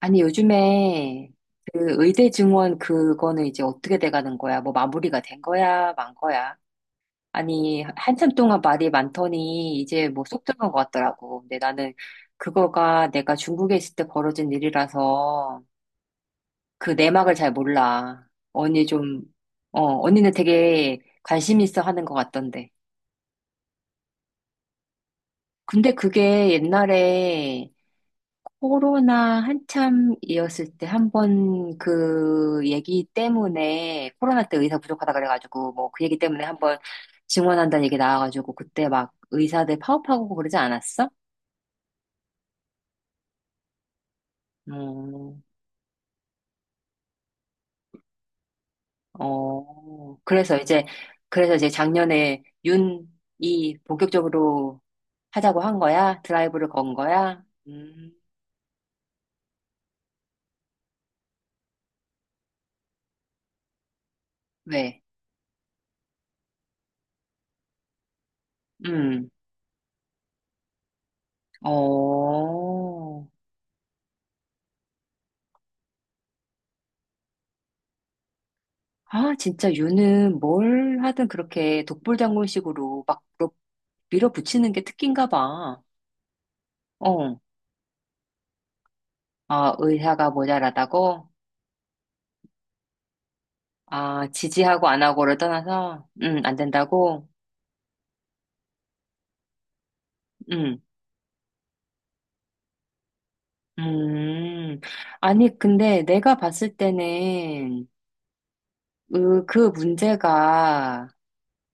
아니, 요즘에 그 의대 증원 그거는 이제 어떻게 돼 가는 거야? 뭐 마무리가 된 거야? 만 거야? 아니, 한참 동안 말이 많더니 이제 뭐 쏙 들어간 것 같더라고. 근데 나는 그거가 내가 중국에 있을 때 벌어진 일이라서 그 내막을 잘 몰라. 언니 좀, 언니는 되게 관심 있어 하는 것 같던데. 근데 그게 옛날에 코로나 한참이었을 때 한 번 그 얘기 때문에 코로나 때 의사 부족하다 그래가지고 뭐 그 얘기 때문에 한 번 증원한다는 얘기 나와가지고 그때 막 의사들 파업하고 그러지 않았어? 음, 어, 그래서 이제 작년에 윤이 본격적으로 하자고 한 거야? 드라이브를 건 거야? 왜? 음, 어. 아, 진짜 유는 뭘 하든 그렇게 독불장군식으로 막 밀어붙이는 게 특기인가 봐. 어, 아, 의사가 모자라다고? 아, 지지하고 안 하고를 떠나서, 안 된다고? 음, 음. 아니, 근데 내가 봤을 때는, 으, 그 문제가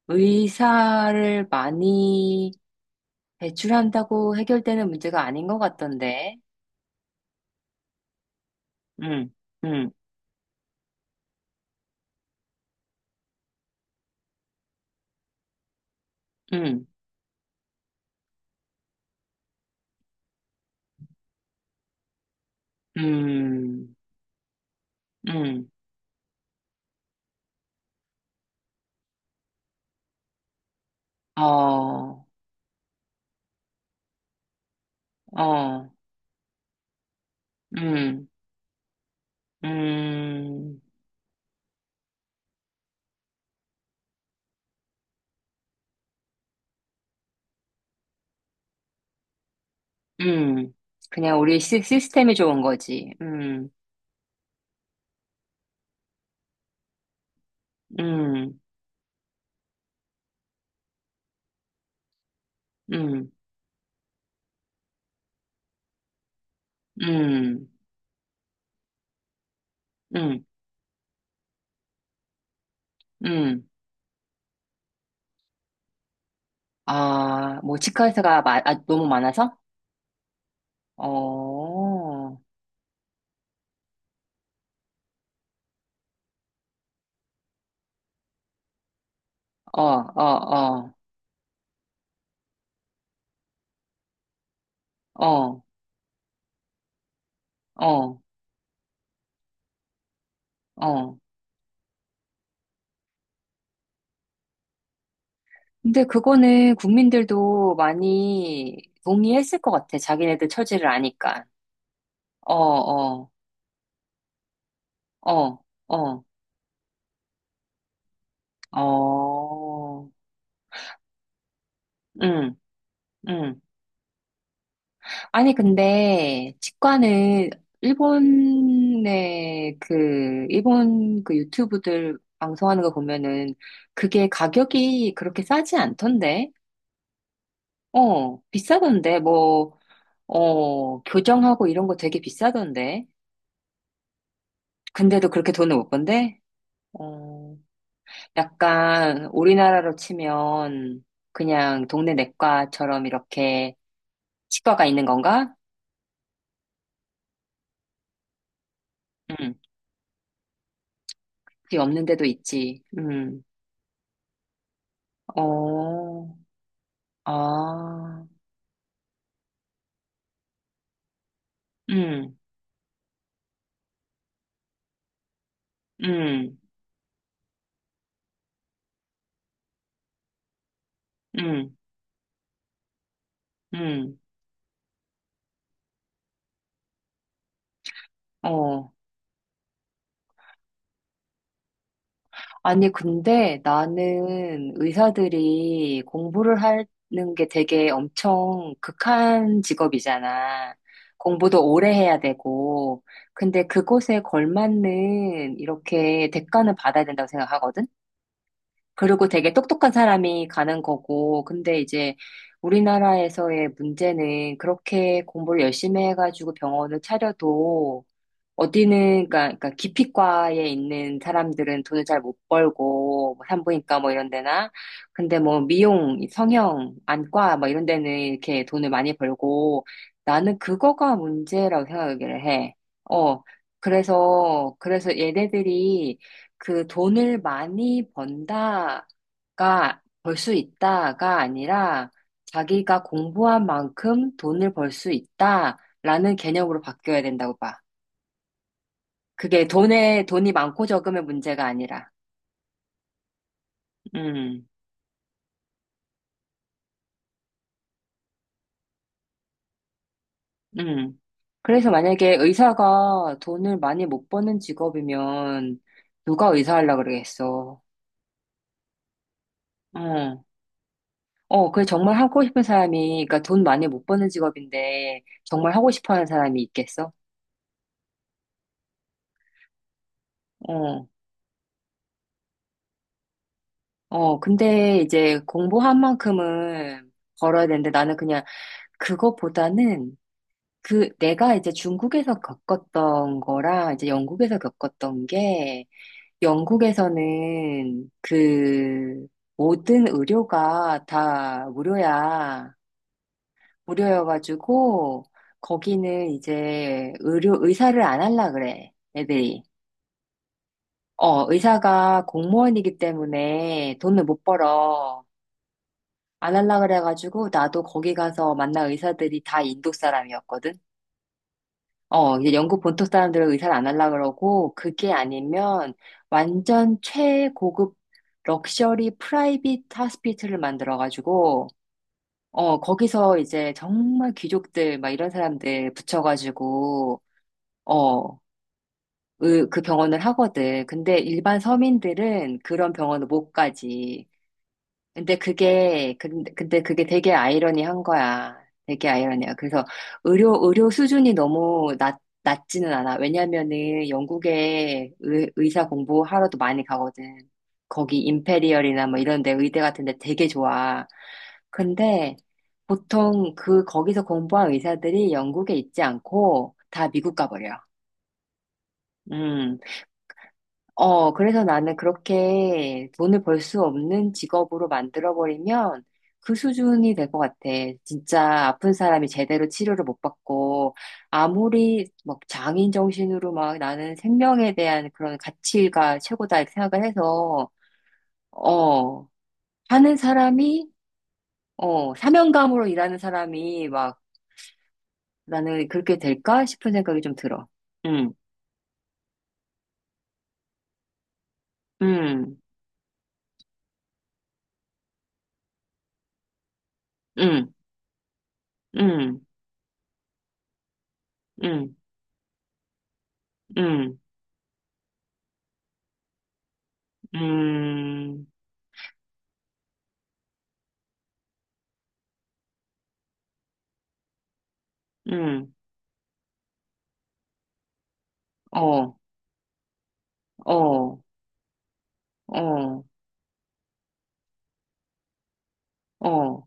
의사를 많이 배출한다고 해결되는 문제가 아닌 것 같던데. 음, 음, 음, 음, 음. 어, 어, 음, 음, 음. 그냥 우리 시스템이 좋은 거지. 음, 음, 음, 음, 음. 아, 뭐, 치과의사가 마, 아, 너무 많아서? 어, 어, 어, 어, 어, 어, 어. 근데 그거는 국민들도 많이 동의했을 것 같아. 자기네들 처지를 아니까. 어, 어, 어, 어, 어. 응, 응. 아니, 근데, 치과는, 일본의 그, 일본 그 유튜브들 방송하는 거 보면은, 그게 가격이 그렇게 싸지 않던데? 어, 비싸던데? 뭐, 어, 교정하고 이런 거 되게 비싸던데? 근데도 그렇게 돈을 못 번대? 어, 약간, 우리나라로 치면, 그냥 동네 내과처럼 이렇게 치과가 있는 건가? 응. 그게 없는 데도 있지. 응. 어, 아, 음, 음, 음, 음, 어. 아니, 근데 나는 의사들이 공부를 하는 게 되게 엄청 극한 직업이잖아. 공부도 오래 해야 되고. 근데 그곳에 걸맞는 이렇게 대가는 받아야 된다고 생각하거든? 그리고 되게 똑똑한 사람이 가는 거고, 근데 이제 우리나라에서의 문제는 그렇게 공부를 열심히 해가지고 병원을 차려도 어디는, 그러니까, 기피과에 있는 사람들은 돈을 잘 못 벌고, 뭐 산부인과 뭐 이런 데나, 근데 뭐 미용, 성형, 안과 뭐 이런 데는 이렇게 돈을 많이 벌고, 나는 그거가 문제라고 생각을 해. 어, 그래서, 얘네들이 그 돈을 많이 벌 수 있다가 아니라, 자기가 공부한 만큼 돈을 벌 수 있다라는 개념으로 바뀌어야 된다고 봐. 그게 돈이 많고 적음의 문제가 아니라. 음, 음, 그래서 만약에 의사가 돈을 많이 못 버는 직업이면 누가 의사 하려고 그러겠어. 어, 어, 그 정말 하고 싶은 사람이, 그러니까 돈 많이 못 버는 직업인데 정말 하고 싶어 하는 사람이 있겠어? 어, 어, 근데 이제 공부한 만큼은 벌어야 되는데 나는 그냥 그것보다는 그 내가 이제 중국에서 겪었던 거랑 이제 영국에서 겪었던 게 영국에서는 그 모든 의료가 다 무료야. 무료여가지고 거기는 이제 의료 의사를 안 할라 그래. 애들이. 어, 의사가 공무원이기 때문에 돈을 못 벌어. 안 할라 그래가지고 나도 거기 가서 만난 의사들이 다 인도 사람이었거든. 어, 이제 영국 본토 사람들은 의사를 안 하려고 그러고, 그게 아니면 완전 최고급 럭셔리 프라이빗 하스피트를 만들어가지고, 어, 거기서 이제 정말 귀족들, 막 이런 사람들 붙여가지고, 어, 그 병원을 하거든. 근데 일반 서민들은 그런 병원을 못 가지. 근데 그게, 근데 그게 되게 아이러니한 거야. 되게 아이러니야. 그래서 의료 수준이 너무 낮지는 않아. 왜냐면은 영국에 의사 공부하러도 많이 가거든. 거기 임페리얼이나 뭐 이런 데 의대 같은 데 되게 좋아. 근데 보통 그, 거기서 공부한 의사들이 영국에 있지 않고 다 미국 가버려. 음. 어, 그래서 나는 그렇게 돈을 벌 수 없는 직업으로 만들어버리면 그 수준이 될 것 같아. 진짜 아픈 사람이 제대로 치료를 못 받고, 아무리 막 장인 정신으로 막 나는 생명에 대한 그런 가치가 최고다 이렇게 생각을 해서, 어, 하는 사람이, 어, 사명감으로 일하는 사람이 막 나는 그렇게 될까 싶은 생각이 좀 들어. 응, 응, 응, 응, 응, 응, 응. 응, 어, 어, 어, 어.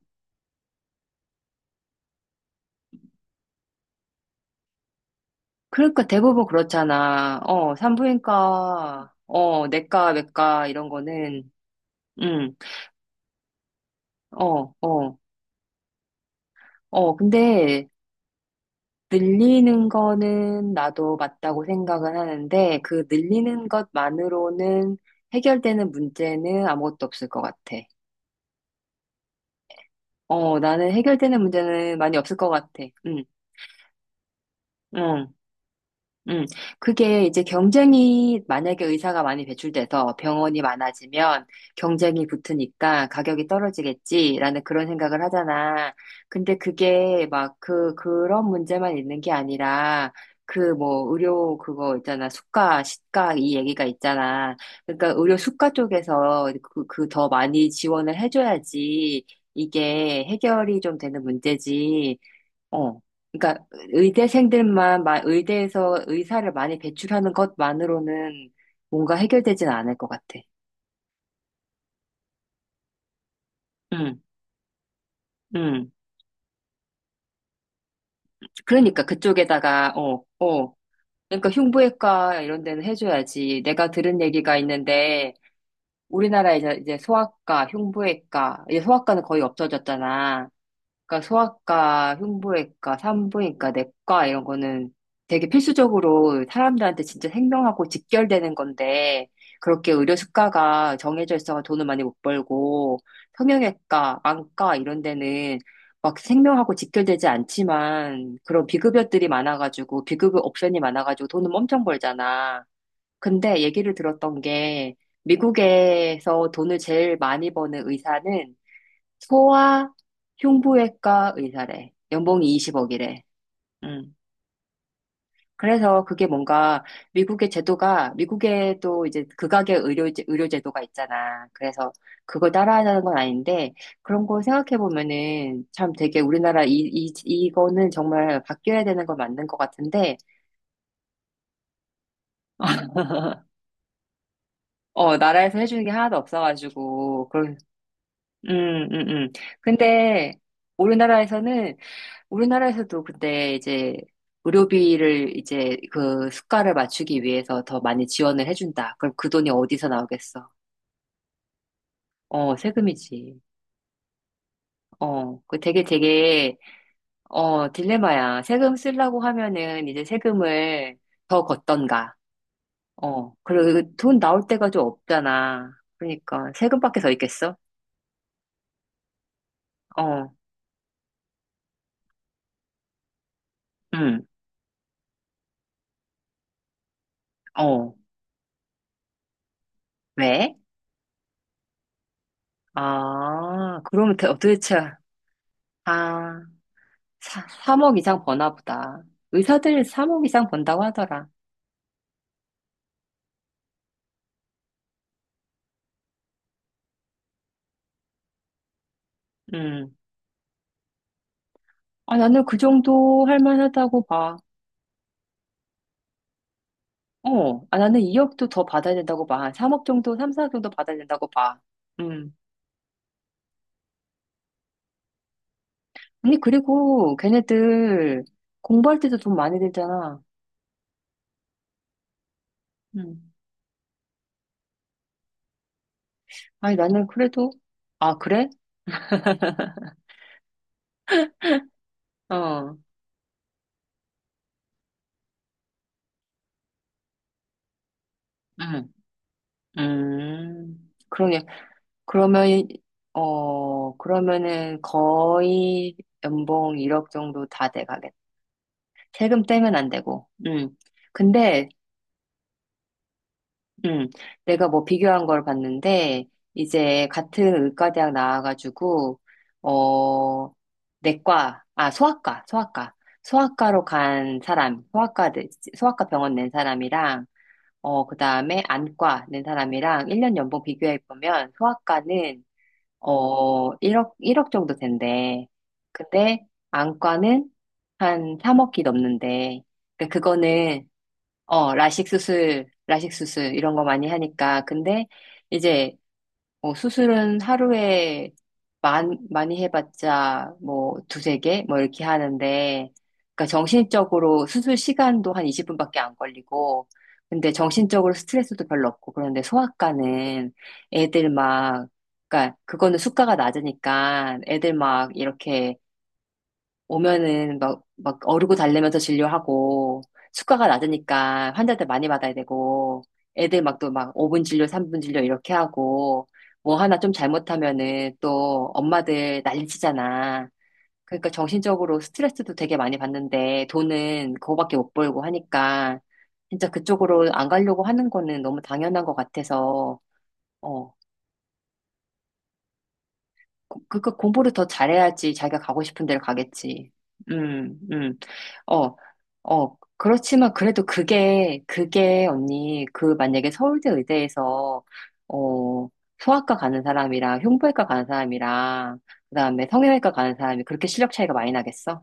그러니까 대부분 그렇잖아. 어, 산부인과, 어, 내과, 외과, 이런 거는, 응, 어, 어, 어. 근데 늘리는 거는 나도 맞다고 생각은 하는데, 그 늘리는 것만으로는 해결되는 문제는 아무것도 없을 것 같아. 어, 나는 해결되는 문제는 많이 없을 것 같아. 응, 응. 음, 그게 이제 경쟁이 만약에 의사가 많이 배출돼서 병원이 많아지면 경쟁이 붙으니까 가격이 떨어지겠지라는 그런 생각을 하잖아. 근데 그게 막 그, 그런 문제만 있는 게 아니라 그 뭐 의료 그거 있잖아. 수가, 시가 이 얘기가 있잖아. 그러니까 의료 수가 쪽에서 그, 그 더 많이 지원을 해줘야지 이게 해결이 좀 되는 문제지. 어. 그러니까 의대에서 의사를 많이 배출하는 것만으로는 뭔가 해결되진 않을 것 같아. 응, 응. 그러니까 그쪽에다가 어, 어. 그러니까 흉부외과 이런 데는 해줘야지. 내가 들은 얘기가 있는데 우리나라에 이제 소아과, 흉부외과, 이제 소아과는 거의 없어졌잖아. 그러니까 소아과, 흉부외과, 산부인과, 내과 이런 거는 되게 필수적으로 사람들한테 진짜 생명하고 직결되는 건데 그렇게 의료 수가가 정해져 있어서 돈을 많이 못 벌고 성형외과, 안과 이런 데는 막 생명하고 직결되지 않지만 그런 비급여들이 많아가지고 비급여 옵션이 많아가지고 돈은 엄청 벌잖아. 근데 얘기를 들었던 게 미국에서 돈을 제일 많이 버는 의사는 소아 흉부외과 의사래. 연봉이 20억이래. 음. 그래서 그게 뭔가 미국의 제도가 미국에도 이제 극악의 의료 제도가 있잖아. 그래서 그걸 따라하자는 건 아닌데 그런 거 생각해 보면은 참 되게 우리나라 이 이거는 정말 바뀌어야 되는 건 맞는 것 같은데 어 나라에서 해주는 게 하나도 없어가지고 그런 음. 근데 우리나라에서는 우리나라에서도 근데 이제 의료비를 이제 그 수가를 맞추기 위해서 더 많이 지원을 해준다. 그럼 그 돈이 어디서 나오겠어? 어, 세금이지. 어, 어, 딜레마야. 세금 쓰려고 하면은 이제 세금을 더 걷던가. 어, 그리고 그 돈 나올 때가 좀 없잖아. 그러니까 세금밖에 더 있겠어? 어, 응, 어, 왜? 아, 그러면 도대체, 아. 3억 이상 버나 보다. 의사들 3억 이상 번다고 하더라. 음. 아, 나는 그 정도 할 만하다고 봐. 어. 아, 나는 2억도 더 받아야 된다고 봐. 3억 정도, 3, 4억 정도 받아야 된다고 봐. 음. 아니, 그리고 걔네들 공부할 때도 돈 많이 들잖아. 음. 아니, 나는 그래도, 아, 그래? 어. 음. 음. 그러게. 그러면, 어, 그러면은 거의 연봉 1억 정도 다돼가겠다. 세금 떼면 안 되고. 음. 근데 음. 내가 뭐 비교한 걸 봤는데 이제 같은 의과대학 나와가지고 어 내과 아 소아과 소아과로 간 사람 소아과 병원 낸 사람이랑 어 그다음에 안과 낸 사람이랑 1년 연봉 비교해 보면 소아과는 어 1억 일억 정도 된대. 근데 안과는 한 3억이 넘는데 그러니까 그거는 어, 라식 수술, 이런 거 많이 하니까. 근데 이제, 뭐 수술은 하루에 많이 해봤자, 뭐, 두세 개? 뭐, 이렇게 하는데, 그러니까 정신적으로 수술 시간도 한 20분밖에 안 걸리고, 근데 정신적으로 스트레스도 별로 없고, 그런데 소아과는 애들 막, 그러니까 그거는 수가가 낮으니까 애들 막 이렇게 오면은 막, 막 어르고 달래면서 진료하고, 수가가 낮으니까 환자들 많이 받아야 되고, 애들 막 또 막 5분 진료, 3분 진료 이렇게 하고, 뭐 하나 좀 잘못하면은 또 엄마들 난리치잖아. 그러니까 정신적으로 스트레스도 되게 많이 받는데, 돈은 그거밖에 못 벌고 하니까, 진짜 그쪽으로 안 가려고 하는 거는 너무 당연한 것 같아서, 어, 그거 공부를 더 잘해야지 자기가 가고 싶은 데를 가겠지. 음, 음. 어, 어. 그렇지만 그래도 그게, 그게 언니, 그 만약에 서울대 의대에서, 어, 소아과 가는 사람이랑 흉부외과 가는 사람이랑, 그다음에 성형외과 가는 사람이 그렇게 실력 차이가 많이 나겠어?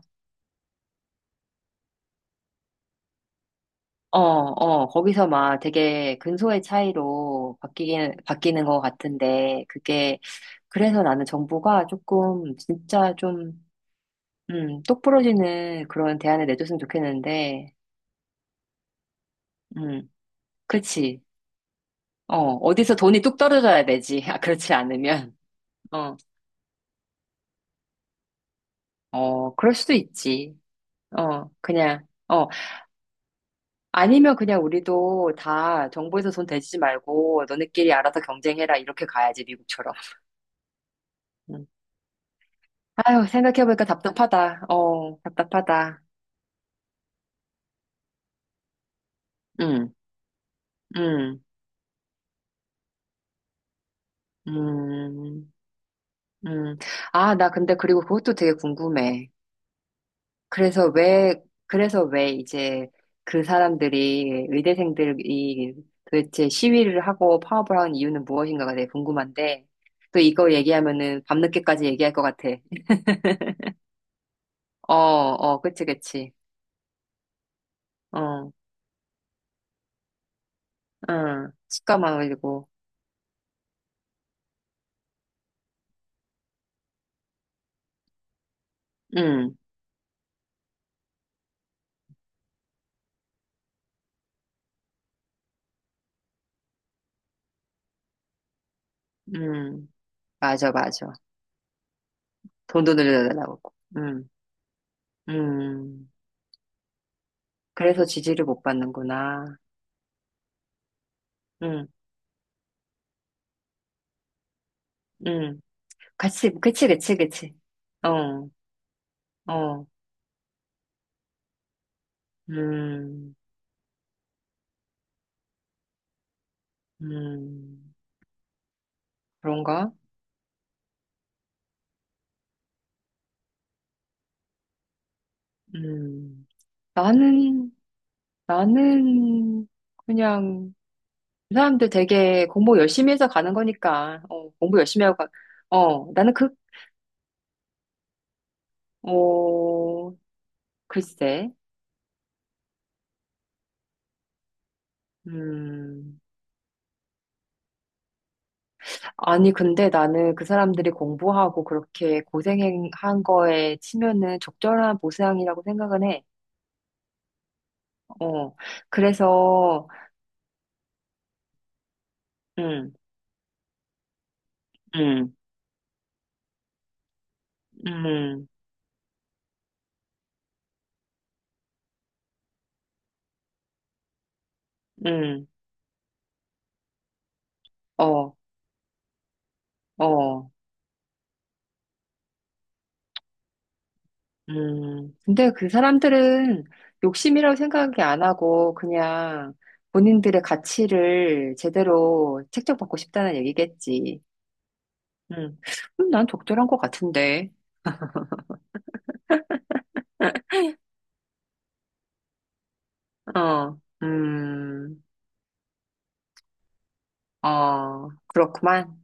어, 어, 거기서 막 되게 근소의 차이로 바뀌는 것 같은데, 그게, 그래서 나는 정부가 조금, 진짜 좀, 똑 부러지는 그런 대안을 내줬으면 좋겠는데, 음, 그치. 어, 어디서 돈이 뚝 떨어져야 되지. 아, 그렇지 않으면. 어, 어, 그럴 수도 있지. 어, 그냥, 어, 아니면 그냥 우리도 다 정부에서 돈 대지 말고 너네끼리 알아서 경쟁해라. 이렇게 가야지, 미국처럼. 음. 아유, 생각해보니까 답답하다. 어, 답답하다. 음, 음, 음, 음. 아, 나 근데 그리고 그것도 되게 궁금해. 그래서 왜 이제 그 사람들이, 의대생들이 도대체 시위를 하고 파업을 하는 이유는 무엇인가가 되게 궁금한데, 또 이거 얘기하면은 밤늦게까지 얘기할 것 같아. 어, 어, 그치, 그치. 어, 응. 시가 많아지고, 응, 응. 맞아, 맞아. 돈도 늘려달라고. 응, 응. 그래서 지지를 못 받는구나. 응, 응. 같이, 그치, 그치, 그치. 어, 어, 음. 음, 그런가? 음, 나는, 나는 그냥 이 사람들 되게 공부 열심히 해서 가는 거니까, 어, 공부 열심히 하고, 가, 어, 나는 그, 어, 글쎄. 음, 아니, 근데 나는 그 사람들이 공부하고 그렇게 고생한 거에 치면은 적절한 보상이라고 생각은 해. 어, 그래서, 음, 음, 음, 음, 어, 어. 근데 그 사람들은 욕심이라고 생각이 안 하고 그냥 본인들의 가치를 제대로 책정받고 싶다는 얘기겠지. 음, 난 적절한 것 같은데. 어, 어, 그렇구만.